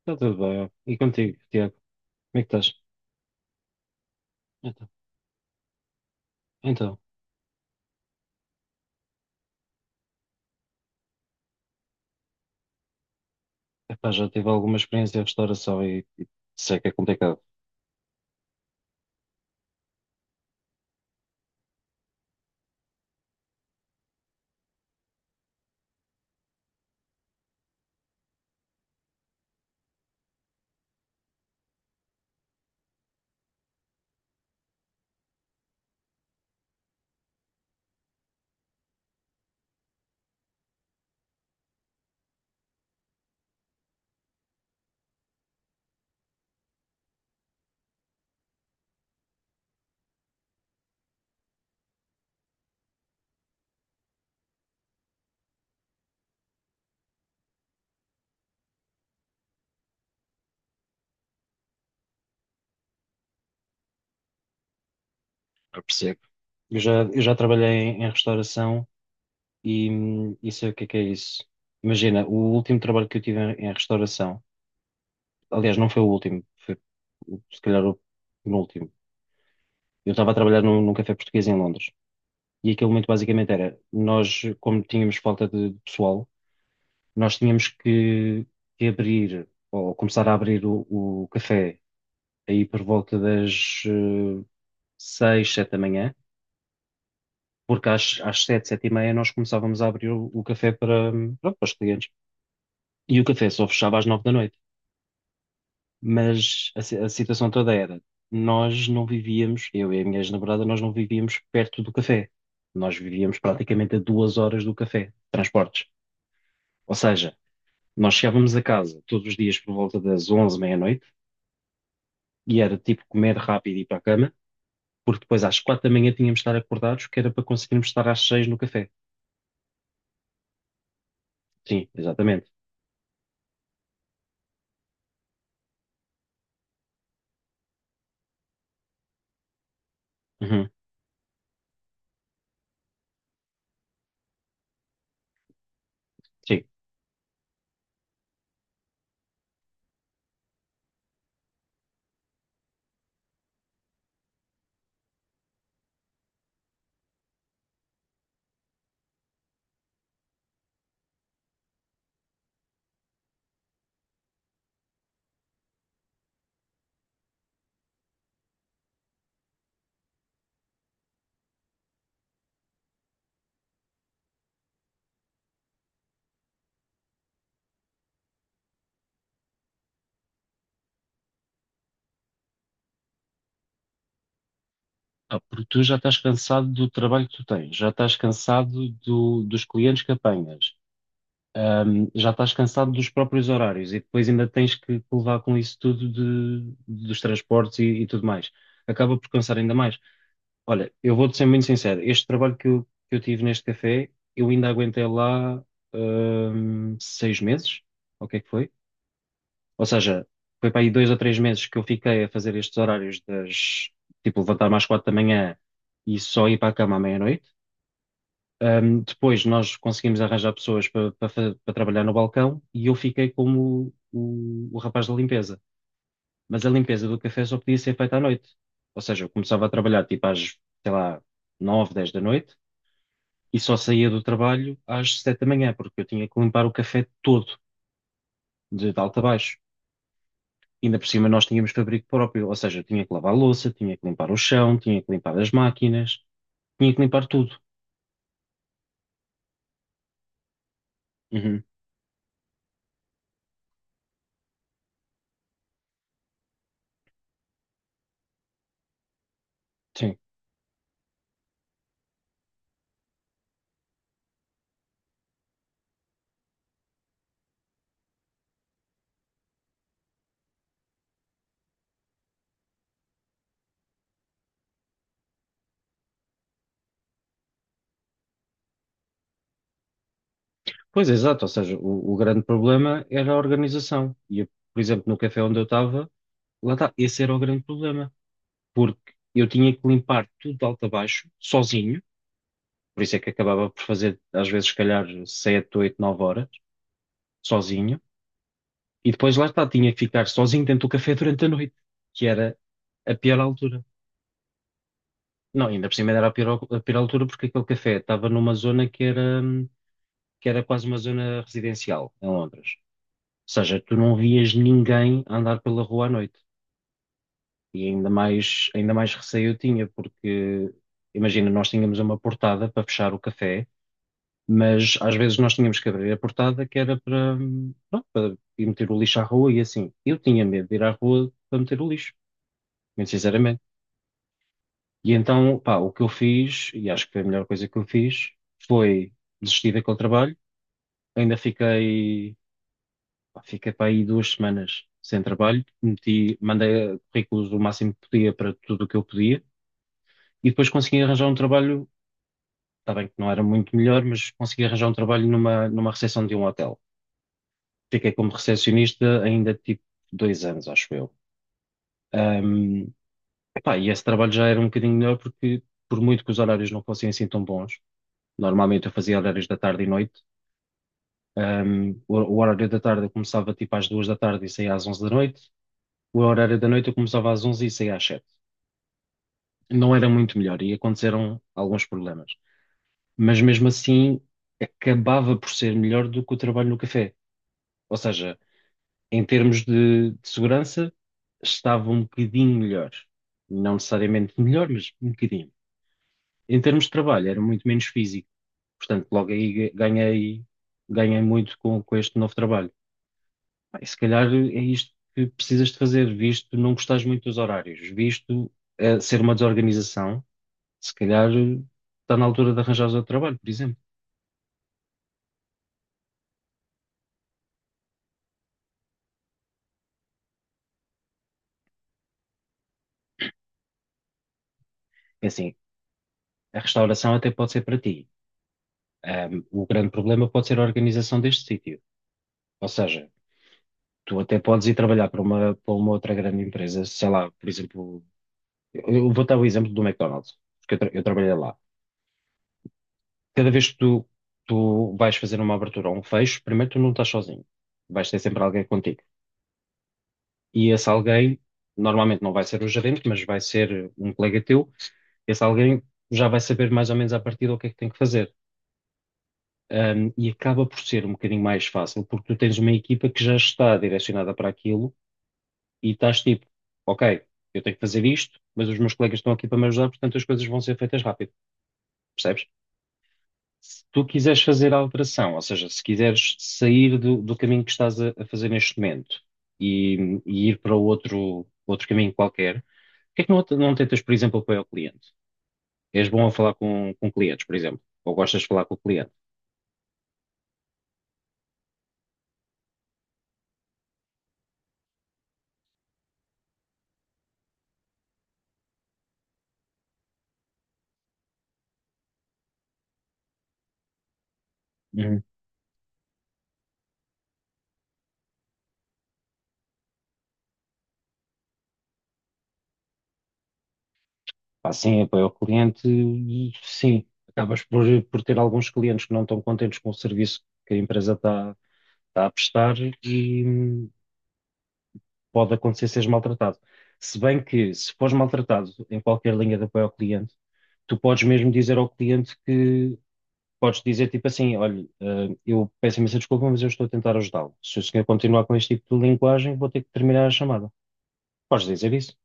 Está tudo bem, ó. E contigo, Tiago? Como é que estás? Então, então, epá, já tive alguma experiência em restauração e sei que é complicado. Eu percebo. Eu já trabalhei em restauração e sei o que é isso. Imagina, o último trabalho que eu tive em restauração, aliás, não foi o último, foi se calhar o penúltimo. Eu estava a trabalhar num café português em Londres e aquilo muito basicamente era, nós, como tínhamos falta de pessoal, nós tínhamos que abrir, ou começar a abrir o café aí por volta das seis, sete da manhã, porque às sete, sete e meia nós começávamos a abrir o café para, pronto, para os clientes. E o café só fechava às nove da noite. Mas a situação toda era, nós não vivíamos, eu e a minha ex-namorada, nós não vivíamos perto do café. Nós vivíamos praticamente a 2 horas do café, transportes. Ou seja, nós chegávamos a casa todos os dias por volta das onze, meia-noite, e era tipo comer rápido e ir para a cama, porque depois às quatro da manhã tínhamos de estar acordados, que era para conseguirmos estar às seis no café. Sim, exatamente. Uhum, sim. Ah, porque tu já estás cansado do trabalho que tu tens, já estás cansado dos clientes que apanhas, já estás cansado dos próprios horários e depois ainda tens que levar com isso tudo dos transportes e tudo mais. Acaba por cansar ainda mais. Olha, eu vou-te ser muito sincero. Este trabalho que eu tive neste café, eu ainda aguentei lá, 6 meses. O que é que foi? Ou seja, foi para aí 2 ou 3 meses que eu fiquei a fazer estes horários das, tipo, levantar-me às quatro da manhã e só ir para a cama à meia-noite. Depois nós conseguimos arranjar pessoas para trabalhar no balcão e eu fiquei como o rapaz da limpeza. Mas a limpeza do café só podia ser feita à noite. Ou seja, eu começava a trabalhar tipo às, sei lá, nove dez da noite e só saía do trabalho às sete da manhã, porque eu tinha que limpar o café todo, de alto a baixo. Ainda por cima nós tínhamos fabrico próprio, ou seja, eu tinha que lavar a louça, tinha que limpar o chão, tinha que limpar as máquinas, tinha que limpar tudo. Uhum, sim. Pois, é exato, ou seja, o grande problema era a organização. E, eu, por exemplo, no café onde eu estava, lá está, esse era o grande problema, porque eu tinha que limpar tudo de alto a baixo, sozinho, por isso é que acabava por fazer, às vezes, se calhar, 7, 8, 9 horas, sozinho. E depois lá está, tinha que ficar sozinho dentro do café durante a noite, que era a pior altura. Não, ainda por cima era a pior altura porque aquele café estava numa zona que era quase uma zona residencial em Londres. Ou seja, tu não vias ninguém a andar pela rua à noite. E ainda mais receio eu tinha, porque imagina, nós tínhamos uma portada para fechar o café, mas às vezes nós tínhamos que abrir a portada que era para, pronto, para ir meter o lixo à rua e assim. Eu tinha medo de ir à rua para meter o lixo, muito sinceramente. E então, pá, o que eu fiz, e acho que foi a melhor coisa que eu fiz, foi desistir daquele trabalho. Ainda fiquei, pá, fiquei para aí 2 semanas sem trabalho. Mandei currículos o máximo que podia para tudo o que eu podia. E depois consegui arranjar um trabalho, está bem que não era muito melhor, mas consegui arranjar um trabalho numa, numa recepção de um hotel. Fiquei como recepcionista ainda tipo 2 anos, acho eu. Ahm, pá, e esse trabalho já era um bocadinho melhor porque, por muito que os horários não fossem assim tão bons, normalmente eu fazia horários da tarde e noite. O horário da tarde eu começava tipo às duas da tarde e saía às onze da noite. O horário da noite eu começava às onze e saía às sete. Não era muito melhor e aconteceram alguns problemas. Mas mesmo assim acabava por ser melhor do que o trabalho no café. Ou seja, em termos de segurança, estava um bocadinho melhor. Não necessariamente melhor, mas um bocadinho. Em termos de trabalho, era muito menos físico. Portanto, logo aí ganhei, ganhei muito com este novo trabalho. Bem, se calhar é isto que precisas de fazer, visto não gostares muito dos horários, visto ser uma desorganização, se calhar está na altura de arranjares outro trabalho, por exemplo. É assim, a restauração até pode ser para ti. O grande problema pode ser a organização deste sítio. Ou seja, tu até podes ir trabalhar para uma outra grande empresa, sei lá, por exemplo, eu vou dar o exemplo do McDonald's, porque eu trabalhei lá. Cada vez que tu vais fazer uma abertura ou um fecho, primeiro tu não estás sozinho. Vais ter sempre alguém contigo. E esse alguém, normalmente não vai ser o gerente, mas vai ser um colega teu, esse alguém já vai saber mais ou menos à partida o que é que tem que fazer. E acaba por ser um bocadinho mais fácil, porque tu tens uma equipa que já está direcionada para aquilo e estás tipo, ok, eu tenho que fazer isto, mas os meus colegas estão aqui para me ajudar, portanto as coisas vão ser feitas rápido, percebes? Se tu quiseres fazer a alteração, ou seja, se quiseres sair do caminho que estás a fazer neste momento e ir para outro caminho qualquer. Porquê que não tentas, por exemplo, apoiar o cliente? És bom a falar com clientes, por exemplo, ou gostas de falar com o cliente? Uhum. Pá, sim, apoio ao cliente, sim. Acabas por ter alguns clientes que não estão contentes com o serviço que a empresa está a prestar e, pode acontecer seres maltratado. Se bem que, se fores maltratado em qualquer linha de apoio ao cliente, tu podes mesmo dizer ao cliente que, podes dizer tipo assim, olha, eu peço imensa desculpa, mas eu estou a tentar ajudá-lo. Se o senhor continuar com este tipo de linguagem, vou ter que terminar a chamada. Podes dizer isso.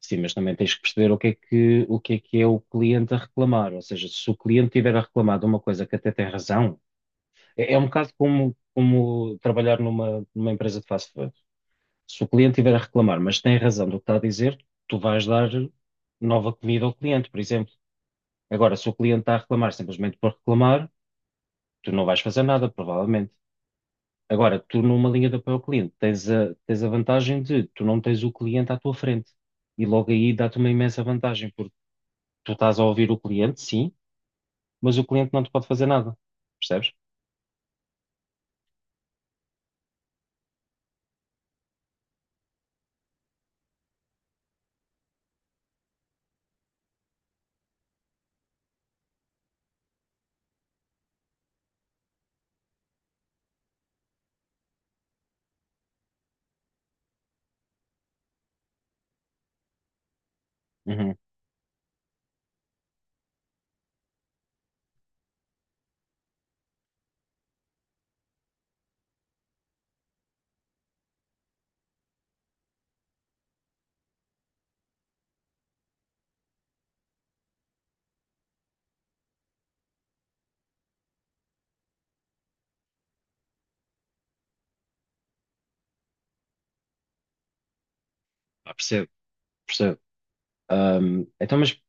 Sim, mas também tens que perceber o que é que é o cliente a reclamar. Ou seja, se o cliente tiver a reclamar de uma coisa que até tem razão, é, é um bocado como, como trabalhar numa, numa empresa de fast food. Se o cliente tiver a reclamar, mas tem razão do que está a dizer, tu vais dar nova comida ao cliente, por exemplo. Agora, se o cliente está a reclamar simplesmente por reclamar, tu não vais fazer nada, provavelmente. Agora, tu numa linha de apoio ao cliente tens a vantagem de tu não tens o cliente à tua frente. E logo aí dá-te uma imensa vantagem, porque tu estás a ouvir o cliente, sim, mas o cliente não te pode fazer nada. Percebes? Uhum. Ah, percebo, percebo. Então, mas,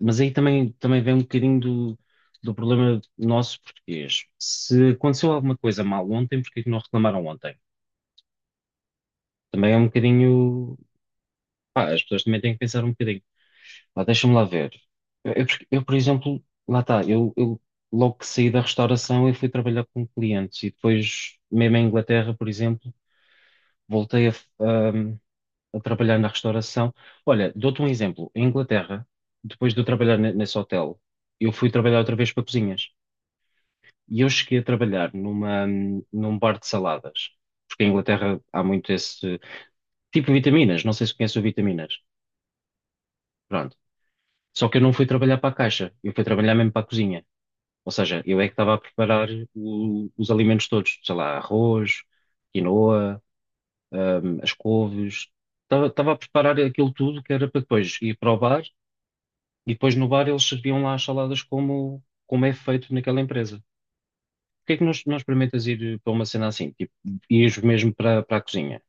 mas aí também vem um bocadinho do problema nosso português. Se aconteceu alguma coisa mal ontem, porque é que não reclamaram ontem? Também é um bocadinho. Pá, as pessoas também têm que pensar um bocadinho. Lá, deixa-me lá ver. Eu, por exemplo, lá está, eu logo que saí da restauração eu fui trabalhar com clientes e depois, mesmo em Inglaterra, por exemplo, voltei a trabalhar na restauração. Olha, dou-te um exemplo. Em Inglaterra, depois de eu trabalhar nesse hotel, eu fui trabalhar outra vez para cozinhas. E eu cheguei a trabalhar num bar de saladas. Porque em Inglaterra há muito esse tipo de vitaminas. Não sei se conhece o vitaminas. Pronto. Só que eu não fui trabalhar para a caixa. Eu fui trabalhar mesmo para a cozinha. Ou seja, eu é que estava a preparar os alimentos todos. Sei lá, arroz, quinoa, as couves. Estava a preparar aquilo tudo que era para depois ir para o bar. E depois no bar eles serviam lá as saladas como é feito naquela empresa. Porquê é que nós experimentas ir para uma cena assim? Tipo, ires mesmo para a cozinha?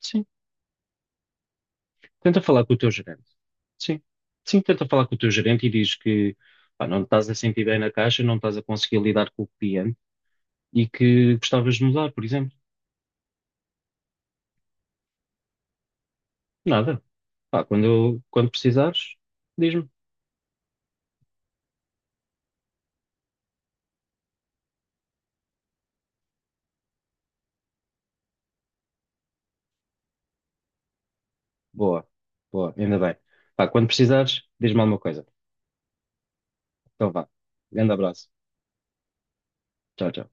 Sim. Tenta falar com o teu gerente. Sim. Sim, tenta falar com o teu gerente e diz que pá, não te estás a sentir bem na caixa, não estás a conseguir lidar com o cliente e que gostavas de mudar, por exemplo. Nada. Pá, quando precisares, diz-me. Boa. Boa, ainda bem. Pá, quando precisares, diz-me alguma coisa. Então vá. Grande abraço. Tchau, tchau.